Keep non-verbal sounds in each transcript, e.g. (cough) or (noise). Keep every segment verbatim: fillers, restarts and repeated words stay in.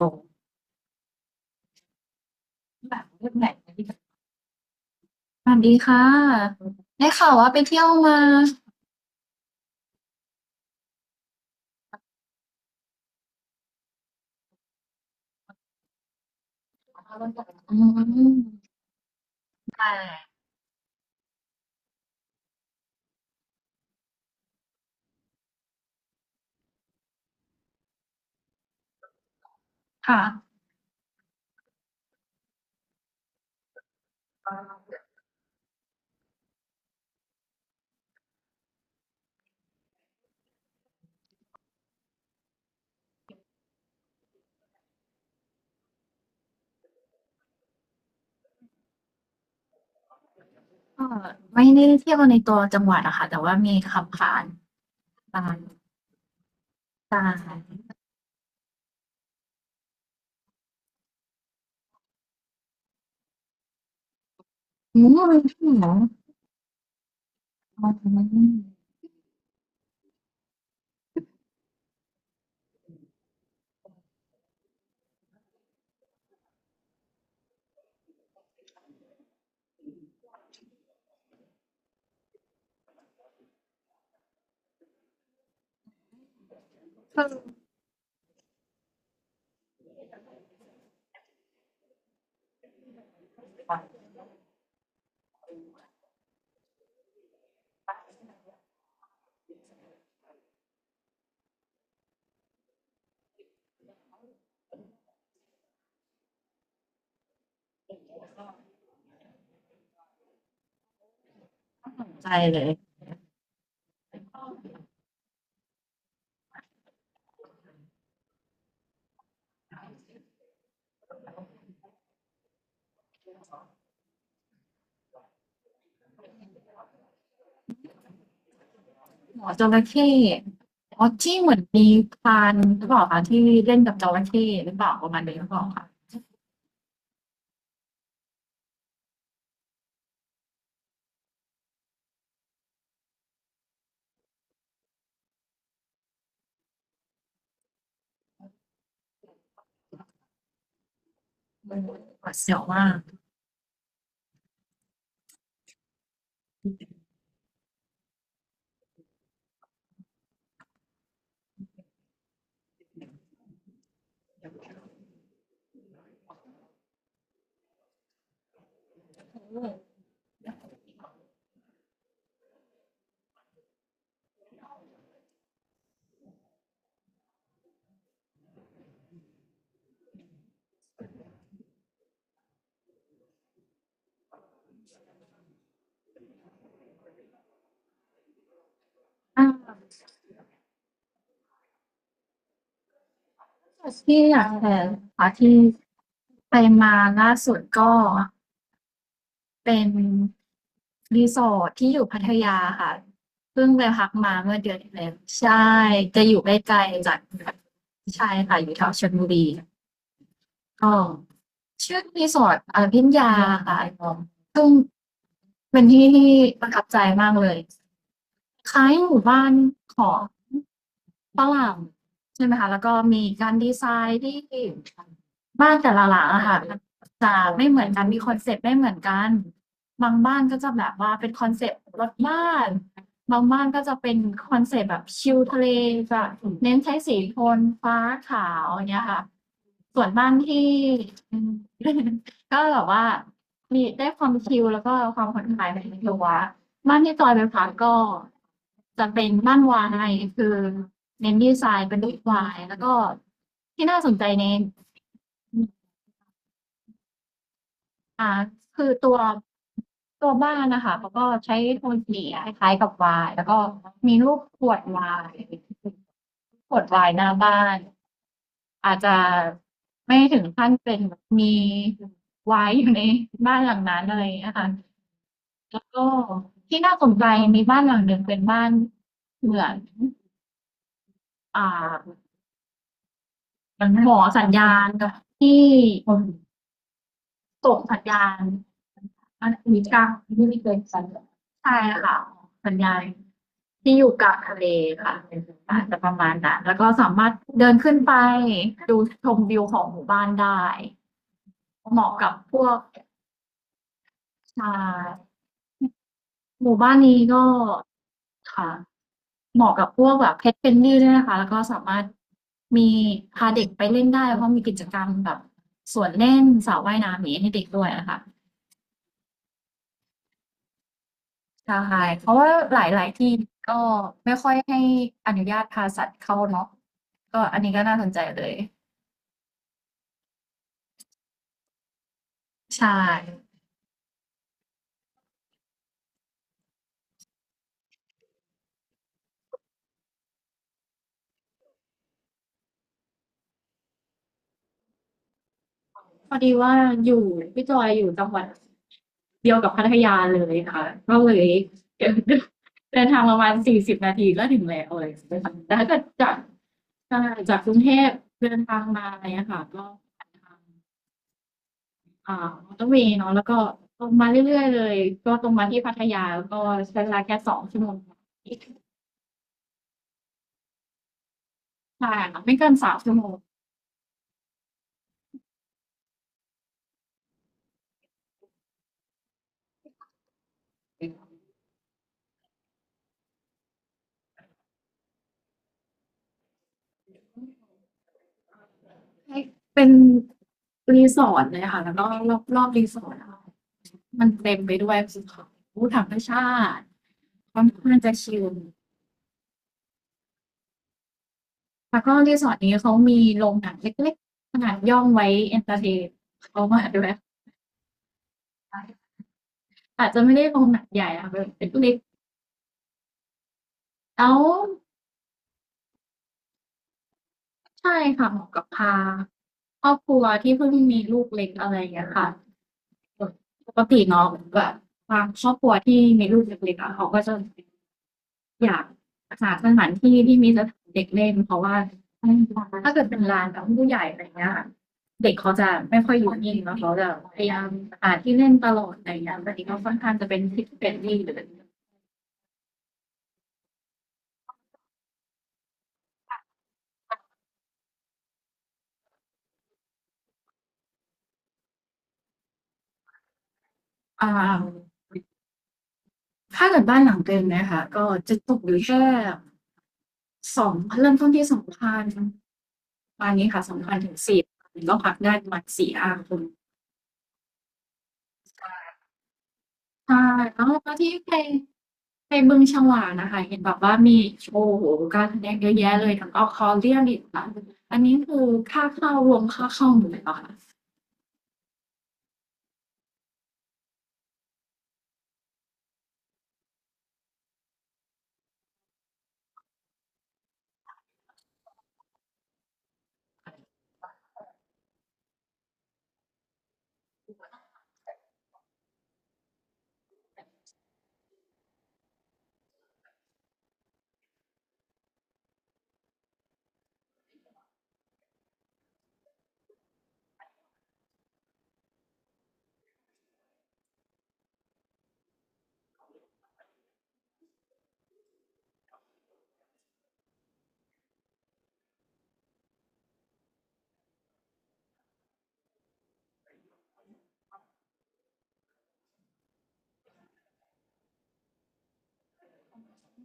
ตรงแบบเรื่องไหนนะที่แบบสวัสดีค่ะได้ข่าวว่าไปเที่ยวมาอืมแต่ค่ะก็ไม่ได้เที่ยวในตัวจังหวัดอะค่ะแต่ว่ามีขับผ่านตางตาอืมมันที่หนองอืมเพิ่งตัดสินใจเลยหมอจระเข้อ๋อที่เหมือนมีพรานหรือเปล่าคะที่เล่นกับจระเข้หรือเปล่าประมาณนี้หรือเปล่าคะมันหวาดเสียวมากอ่า ที่อยากแชร์ค่ะที่ไปมาล่าสุดก็เป็นรีสอร์ทที่อยู่พัทยาค่ะเพิ่งไปพักมาเมื่อเดือนที่แล้วใช่จะอยู่ใกล้ๆจากใช่ค่ะอยู่แถวชลบุรีก็ชื่อรีสอร์ทอพิญญาค่ะซึ่งเป็นที่ที่ประทับใจมากเลยคล้ายหมู่บ้านของ ฝรั่งใช่ไหมคะแล้วก็มีการดีไซน์ที่บ้านแต่ละหลังอะค่ะมันจะไม่เหมือนกันมีคอนเซปต์ไม่เหมือนกันบางบ้านก็จะแบบว่าเป็นคอนเซปต์รถบ้านบางบ้านก็จะเป็นคอนเซปต์แบบชิลทะเลจะเน้นใช้สีโทนฟ้าขาวอย่างเงี้ยค่ะส่วนบ้านที่ (laughs) ก็แบบว่ามีได้ความชิลแล้วก็ความผ่อนคลายในตัว บ้านที่จอยไปพักก็จะเป็นบ้านวายคือเน้นดีไซน์เป็นรูปวายแล้วก็ที่น่าสนใจในอ่าคือตัวตัวบ้านนะคะเขาก็ใช้โทนสีคล้ายๆกับวายแล้วก็มีรูปขวดวายขวดวายหน้าบ้านอาจจะไม่ถึงขั้นเป็นมีวายอยู่ในบ้านหลังนั้นอะไรอย่างเงี้ยค่ะ แล้วก็ที่น่าสนใจมีบ้านหลังหนึ่งเป็นบ้านเหมือนอ่ามันหมอสัญญาณกับที่ส่งสัญญาณอันนี้กลางที่ไม่เคยสัญญาณใช่ค่ะสัญญาณที่อยู่กลางทะเลค่ะอาจจะประมาณนั้นแล้วก็สามารถเดินขึ้นไปดูชมวิวของหมู่บ้านได้เหมาะกับพวกชาย หมู่บ้านนี้ก็ค่ะเหมาะกับพวกแบบ Pet Friendly ด้วยนะคะแล้วก็สามารถมีพาเด็กไปเล่นได้เพราะมีกิจกรรมแบบสวนเล่นสระว่ายน้ำอย่างนี้ให้เด็กด้วยอะค่ะใช่เพราะว่าหลายๆที่ก็ไม่ค่อยให้อนุญาตพาสัตว์เข้าเนาะก็อันนี้ก็น่าสนใจเลยใช่ พอดีว่าอยู่พี่จอยอยู่จังหวัดเดียวกับพัทยาเลยค่ะก็เลย (laughs) เดิน (laughs) ทางประมาณสี่สิบนาทีก็ถึงแล้วอะไรอย่างเลยค่ะแต่ถ้าเกิดจากใช่จากกรุงเทพเดินทางมาอะไรเงี้ยค่ะก็ผ่านทางอ่ามอเตอร์เวย์เนาะแล้วก็ตรงมาเรื่อยๆเลยก็ตรงมาที่พัทยาแล้วก็ใช้เวลาแค่สองชั่วโมงใช่ค่ะไม่เกินสามชั่วโมงเป็นรีสอร์ทเลยค่ะแล้วก็รอบรอบรีสอร์ทอะคะ มันเต็มไปด้วยสิ่งของผู้ธรรมชาติความเพลินข้าจะชิลแล้วก็รีสอร์ทนี้เขามีโรงหนังเล็กๆขนาดย่อมไว้เอนเตอร์เทนเขามาด้วยอาจจะไม่ได้โรงหนังใหญ่อะเป็นเเล็กแล้วใช่ค่ะเหมาะกับพาครอบครัวที่เพิ่งมีลูกเล็กอะไรอย่างเงี้ยค่ะ ปกติเนาะแบบบางครอบครัวที่มีลูกเล็กๆ เขาก็จะ อยากหาสถานที่ที่มีสถานเด็กเล่นเพราะว่าถ้าเกิดเป็นลานกับผู้ใหญ่อะไรเงี้ยเด็กเขาจะไม่ค่อยอยู่นิ่งนะเขาจะพยายามหาที่เล่นตลอดอะไรอย่างเงี้ยแต่นี้ก็ค่อนข้างจะเป็นที่เป็นที่หรืออ่าถ้าเกิดบ้านหลังเต็มนะคะก็จะตกอยู่แค่สองเริ่มต้นที่สองพันประานี้ค่ะสองพันถึงสี่พันก็พักได้ประมาณสี่ห้าคน ใช่แล้วแล้วที่ไปไปบึงฉวากน่ะค่ะเห็นแบบว่ามีโอ้โฮการแสดงเยอะแยะเลยทั้ง Accordion อีกค่ะอันนี้คือค่าเข้ารวมค่าเข้าหมดเลยเปล่าคะ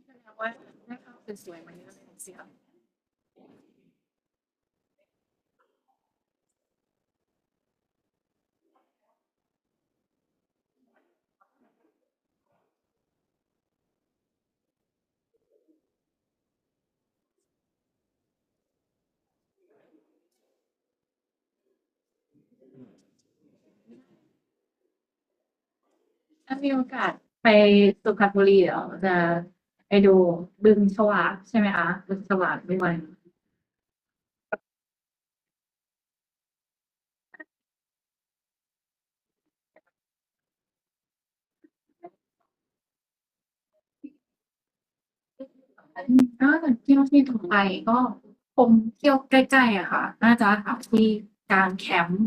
แสดงว่าได้ภาพสวยๆมาเยอะเลยสิคะถ้ามีโอกาสไปสุพรรณบุรีเดี๋ยวจะไปดูบึงฉวากใช่ไหมคะบึงฉวากด้วยถ้าเกิดเที่ยวที่ต่อไปก็คงเที่ยวใกล้ๆอะค่ะน่าจะหาที่กางแคมป์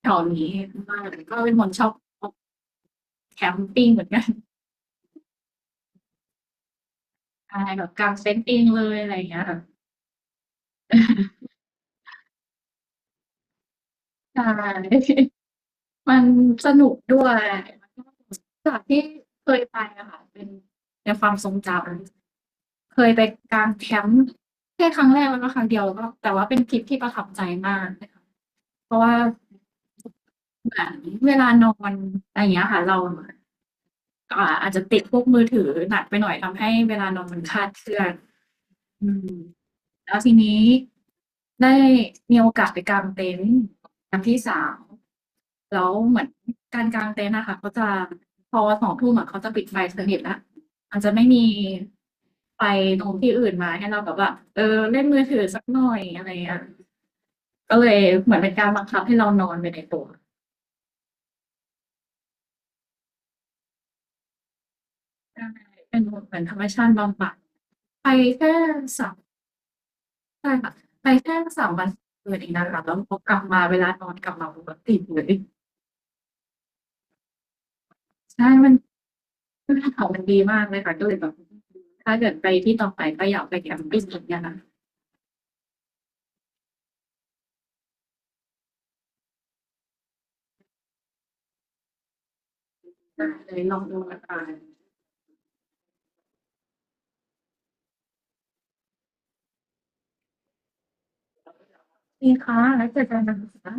แถวนี้มากก็เป็นคนชอบอ แคมปิ้งเหมือนกันใช่แบบกางเต็นท์เองเลยอะไรอย่างเงี้ยค่ะ (laughs) ใช่ (laughs) มันสนุกด้วยจากที่เคยไปอะค่ะเป็นในความทรงจำเคยไปกางแคมป์แค่ครั้งแรกแล้วก็ครั้งเดียวก็แต่ว่าเป็นทริปที่ประทับใจมากเลยค่ะเพราะว่า เหมือนเวลานอนอะไรอย่างเงี้ยค่ะเราอ่าอาจจะติดพวกมือถือหนักไปหน่อยทำให้เวลานอนมันคลาดเคลื่อนอืมแล้วทีนี้ได้มีโอกาสไปกางเต็นท์กับพี่สาวแล้วเหมือนการกางเต็นท์อะค่ะเขาจะพอสององทุ่มอะเขาจะปิดไฟสนิทแล้วอาจจะไม่มีไฟตรงที่อื่นมาให้เราแบบว่าเออเล่นมือถือสักหน่อยอะไรอย่างเงี้ยก็เลยเหมือนเป็นการบังคับให้เรานอนไปในตัว ใช่เป็นเหมือนธรรมชาติบำบัดไปแค่สามใช่ค่ะไปแค่สามวันสองคืนเองนะคะแล้วพอกลับมาเวลานอนกลับมาปกติเลยใช่มันคือภูเขามันดีมากเลยค่ะก็เลยแบบถ้าเกิดไปที่ต่อไปก็อยากไปแคมปิงเหมือนกันนะคะได้เลยลองดูนะคะดีค่ะแล้วเจอกันนะคะ